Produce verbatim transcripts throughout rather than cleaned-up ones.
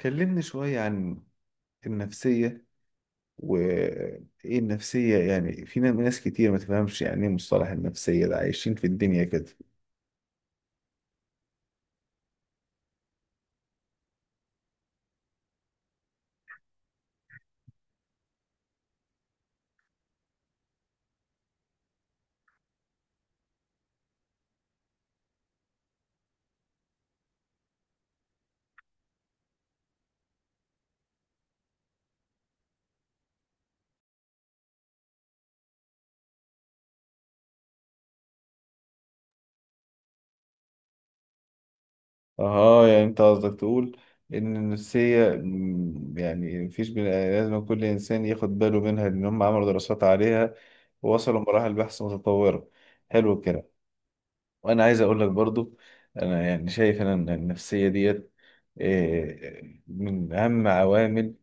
كلمني شوية عن النفسية وإيه النفسية؟ يعني في ناس كتير ما تفهمش يعني إيه مصطلح النفسية ده، عايشين في الدنيا كده. أها، يعني أنت قصدك تقول إن النفسية مم، يعني مفيش، بني لازم كل إنسان ياخد باله منها، لأن هم عملوا دراسات عليها ووصلوا مراحل بحث متطورة. حلو الكلام. وانا عايز اقول لك برضو، انا يعني شايف انا ان النفسيه ديت إيه، من اهم عوامل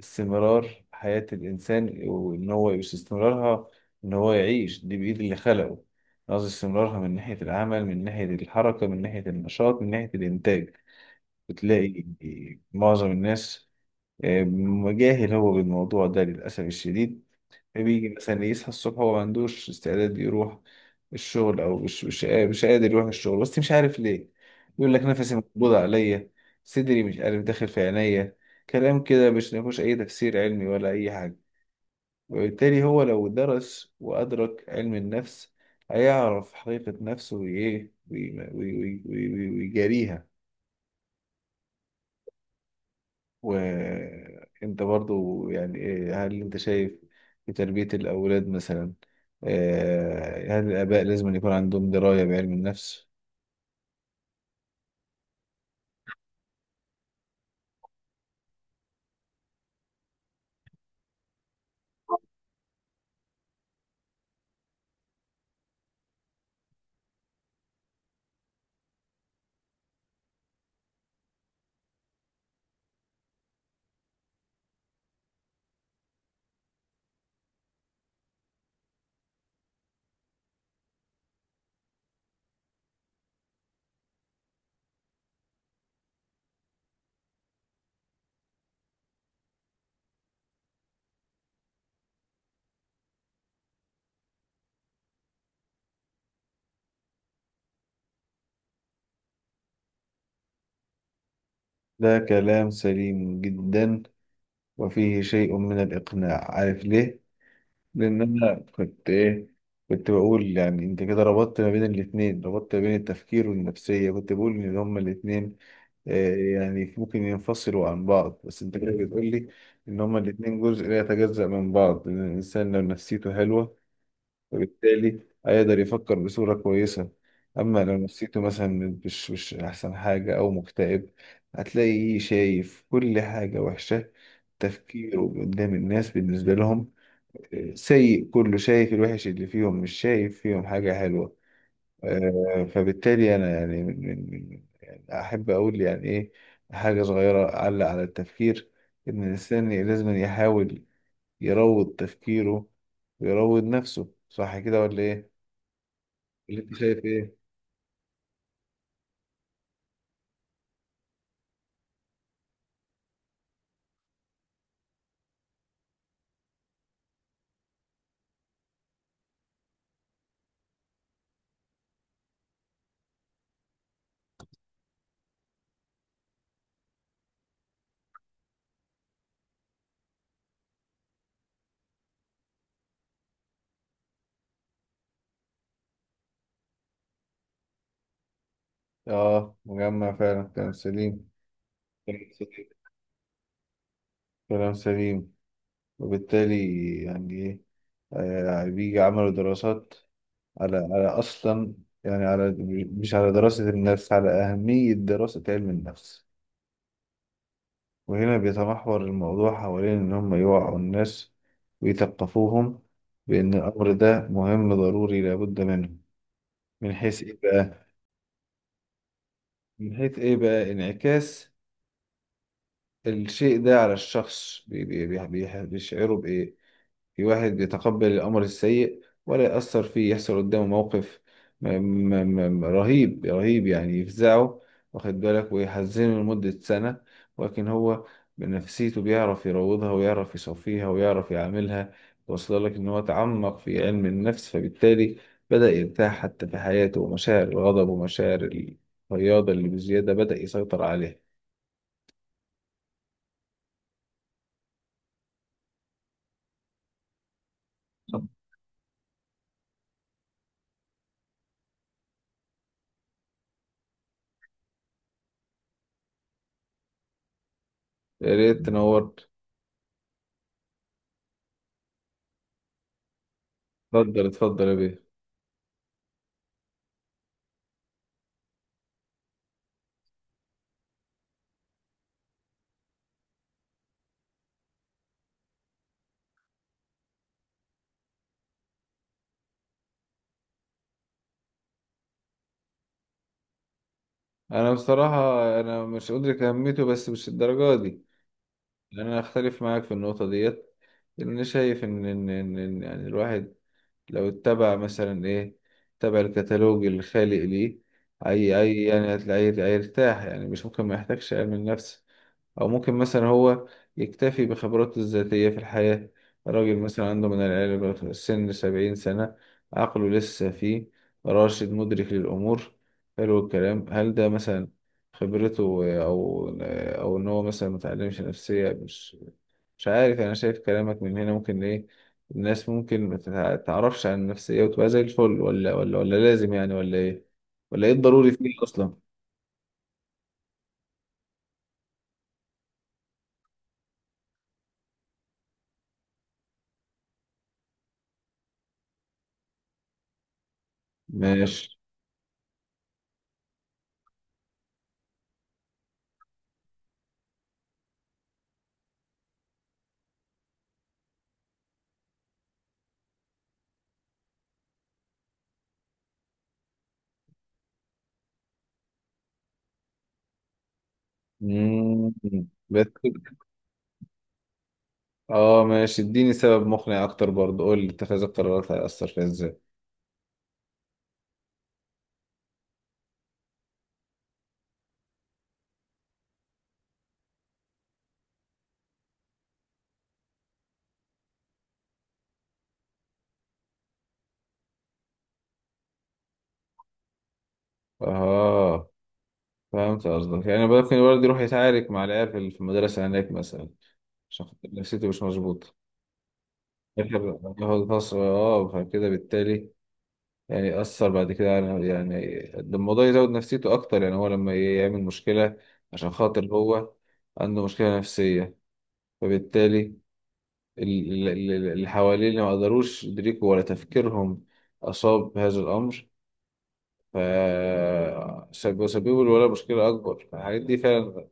استمرار حياه الانسان. وان هو مش استمرارها، ان هو يعيش دي بايد اللي خلقه. أنا قصدي استمرارها من ناحيه العمل، من ناحيه الحركه، من ناحيه النشاط، من ناحيه الانتاج. بتلاقي معظم الناس إيه، مجاهل هو بالموضوع ده للاسف الشديد. بيجي مثلا يصحى الصبح وما عندوش استعداد يروح الشغل، او مش مش قا- مش قادر يروح الشغل بس مش عارف ليه. يقول لك نفسي مقبوض عليا، صدري مش عارف داخل في عينيا، كلام كده مش مفيهوش اي تفسير علمي ولا اي حاجه. وبالتالي هو لو درس وادرك علم النفس هيعرف حقيقه نفسه وايه وي- وي- وي- وي- ويجاريها. وانت برضو يعني إيه- هل انت شايف في تربية الأولاد مثلا، آه، هل الآباء لازم أن يكون عندهم دراية بعلم النفس؟ ده كلام سليم جدا، وفيه شيء من الإقناع، عارف ليه؟ لأن أنا كنت إيه، كنت بقول يعني أنت كده ربطت ما بين الاتنين، ربطت ما بين التفكير والنفسية. كنت بقول إن هما الاتنين آه، يعني ممكن ينفصلوا عن بعض، بس انت كده بتقول لي ان هما الاتنين جزء لا يتجزأ من بعض، لان الانسان لو نفسيته حلوة فبالتالي هيقدر يفكر بصورة كويسة. اما لو نفسيته مثلا مش مش احسن حاجة او مكتئب، هتلاقيه شايف كل حاجة وحشة، تفكيره قدام الناس بالنسبة لهم آه، سيء، كله شايف الوحش اللي فيهم مش شايف فيهم حاجة حلوة. آه، فبالتالي انا يعني من من من- يعني احب اقول يعني ايه، حاجه صغيره اعلق على التفكير. ان الانسان لازم يحاول يروض تفكيره ويروض نفسه، صح كده ولا ايه؟ اللي انت شايف ايه؟ اه مجمع فعلا، كلام سليم، كلام سليم، كلام سليم. وبالتالي يعني ايه، آه، بيجي عملوا دراسات على على اصلا يعني على، مش على دراسه النفس، على اهميه دراسه علم النفس. وهنا بيتمحور الموضوع حوالين إن هم يوعوا الناس ويثقفوهم بأن الأمر ده مهم ضروري لابد منه. من حيث إيه بقى؟ من حيث إيه بقى؟ انعكاس الشيء ده على الشخص، بي- بي- بي- بي- بيشعره بإيه؟ في واحد بيتقبل الأمر السيء ولا يأثر فيه، يحصل قدامه موقف م- م- م- رهيب رهيب يعني، يفزعه واخد بالك ويحزنه لمدة سنة، ولكن هو بنفسيته بيعرف يروضها ويعرف يصفيها ويعرف يعاملها. وصل لك إن هو تعمق في علم النفس فبالتالي بدأ يرتاح حتى في حياته، ومشاعر الغضب ومشاعر الرياضة اللي بزيادة بدأ يسيطر عليها. يا ريت تنورت. اتفضل اتفضل يا بيه. انا بصراحة انا مش أدرك اهميته بس مش الدرجة دي. يعني انا اختلف معاك في النقطة ديت، لان انا شايف ان ان ان إن يعني الواحد لو اتبع مثلا ايه، اتبع الكتالوج الخالق ليه، اي اي يعني هتلاقيه هيرتاح، يعني مش ممكن ما يحتاجش علم النفس. أو ممكن مثلا هو يكتفي بخبراته الذاتية في الحياة، راجل مثلا عنده من العلم سن سبعين سنة، عقله لسه فيه راشد مدرك للأمور، حلو الكلام. هل ده مثلا خبرته، أو أو إن هو مثلا متعلمش نفسية؟ مش مش عارف، أنا شايف كلامك من هنا ممكن إيه، الناس ممكن ما تتع- تعرفش عن النفسية وتبقى زي الفل، ولا ولا ولا لازم يعني، ولا إيه؟ ولا إيه الضروري فيه أصلا؟ ماشي. مم. بس اه ماشي، اديني سبب مقنع اكتر برضه، قول لي اتخاذ القرارات هيأثر فيها ازاي؟ اه فهمت قصدك. يعني ممكن الولد يروح يتعارك مع العيال في في المدرسة هناك مثلا، عشان خاطر نفسيته مش مظبوطة، ياخد ياخد فصل اه، فكده بالتالي يعني يأثر بعد كده على، يعني ده الموضوع يزود نفسيته أكتر. يعني هو لما يعمل مشكلة عشان خاطر هو عنده مشكلة نفسية، فبالتالي ال- ال- ال- اللي حواليه اللي ما قدروش يدركوا ولا تفكيرهم أصاب بهذا الأمر، ف سببوا سببوا الولد مشكلة أكبر. الحاجات دي فعلا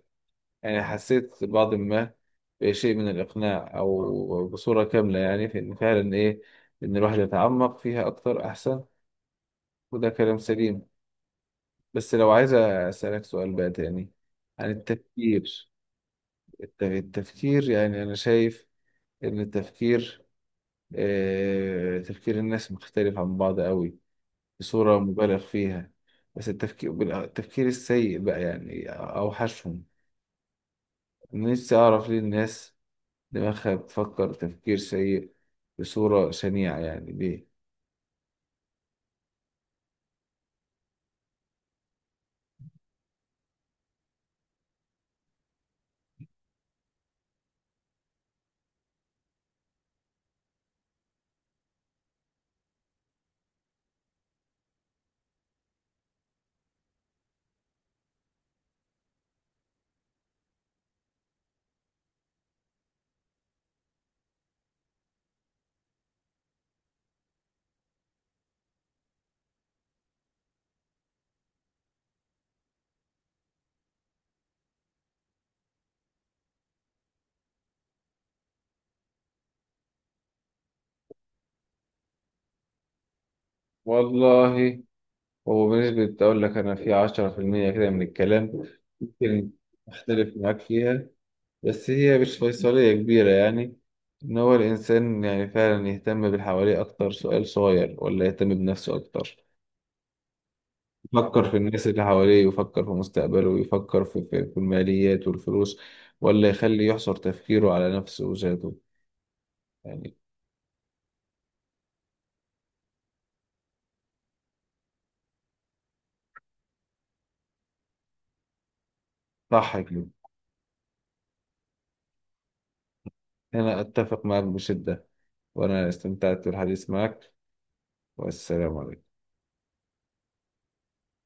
يعني حسيت بعض ما، بشيء من الإقناع أو بصورة كاملة، يعني في إن فعلا إيه، إن الواحد يتعمق فيها أكتر أحسن، وده كلام سليم. بس لو عايز أسألك سؤال بقى تاني عن التفكير. الت- التفكير يعني أنا شايف إن التفكير آه، تفكير الناس مختلف عن بعض قوي، بصورة مبالغ فيها. بس التفكير التفكير السيء بقى، يعني أوحشهم. أنا نفسي أعرف ليه الناس دماغها بتفكر تفكير سيء بصورة شنيعة، يعني ليه؟ والله، هو بنسبة أقول لك أنا في عشرة في المية كده من الكلام ممكن أختلف معاك فيها، بس هي مش فيصلية كبيرة. يعني إن هو الإنسان يعني فعلا يهتم بالحواليه أكتر، سؤال صغير، ولا يهتم بنفسه أكتر؟ يفكر في الناس اللي حواليه، ويفكر في مستقبله، ويفكر في, في, في الماليات والفلوس، ولا يخلي يحصر تفكيره على نفسه وذاته يعني؟ صح كده. أنا أتفق معك بشدة، وأنا استمتعت بالحديث معك، والسلام عليكم.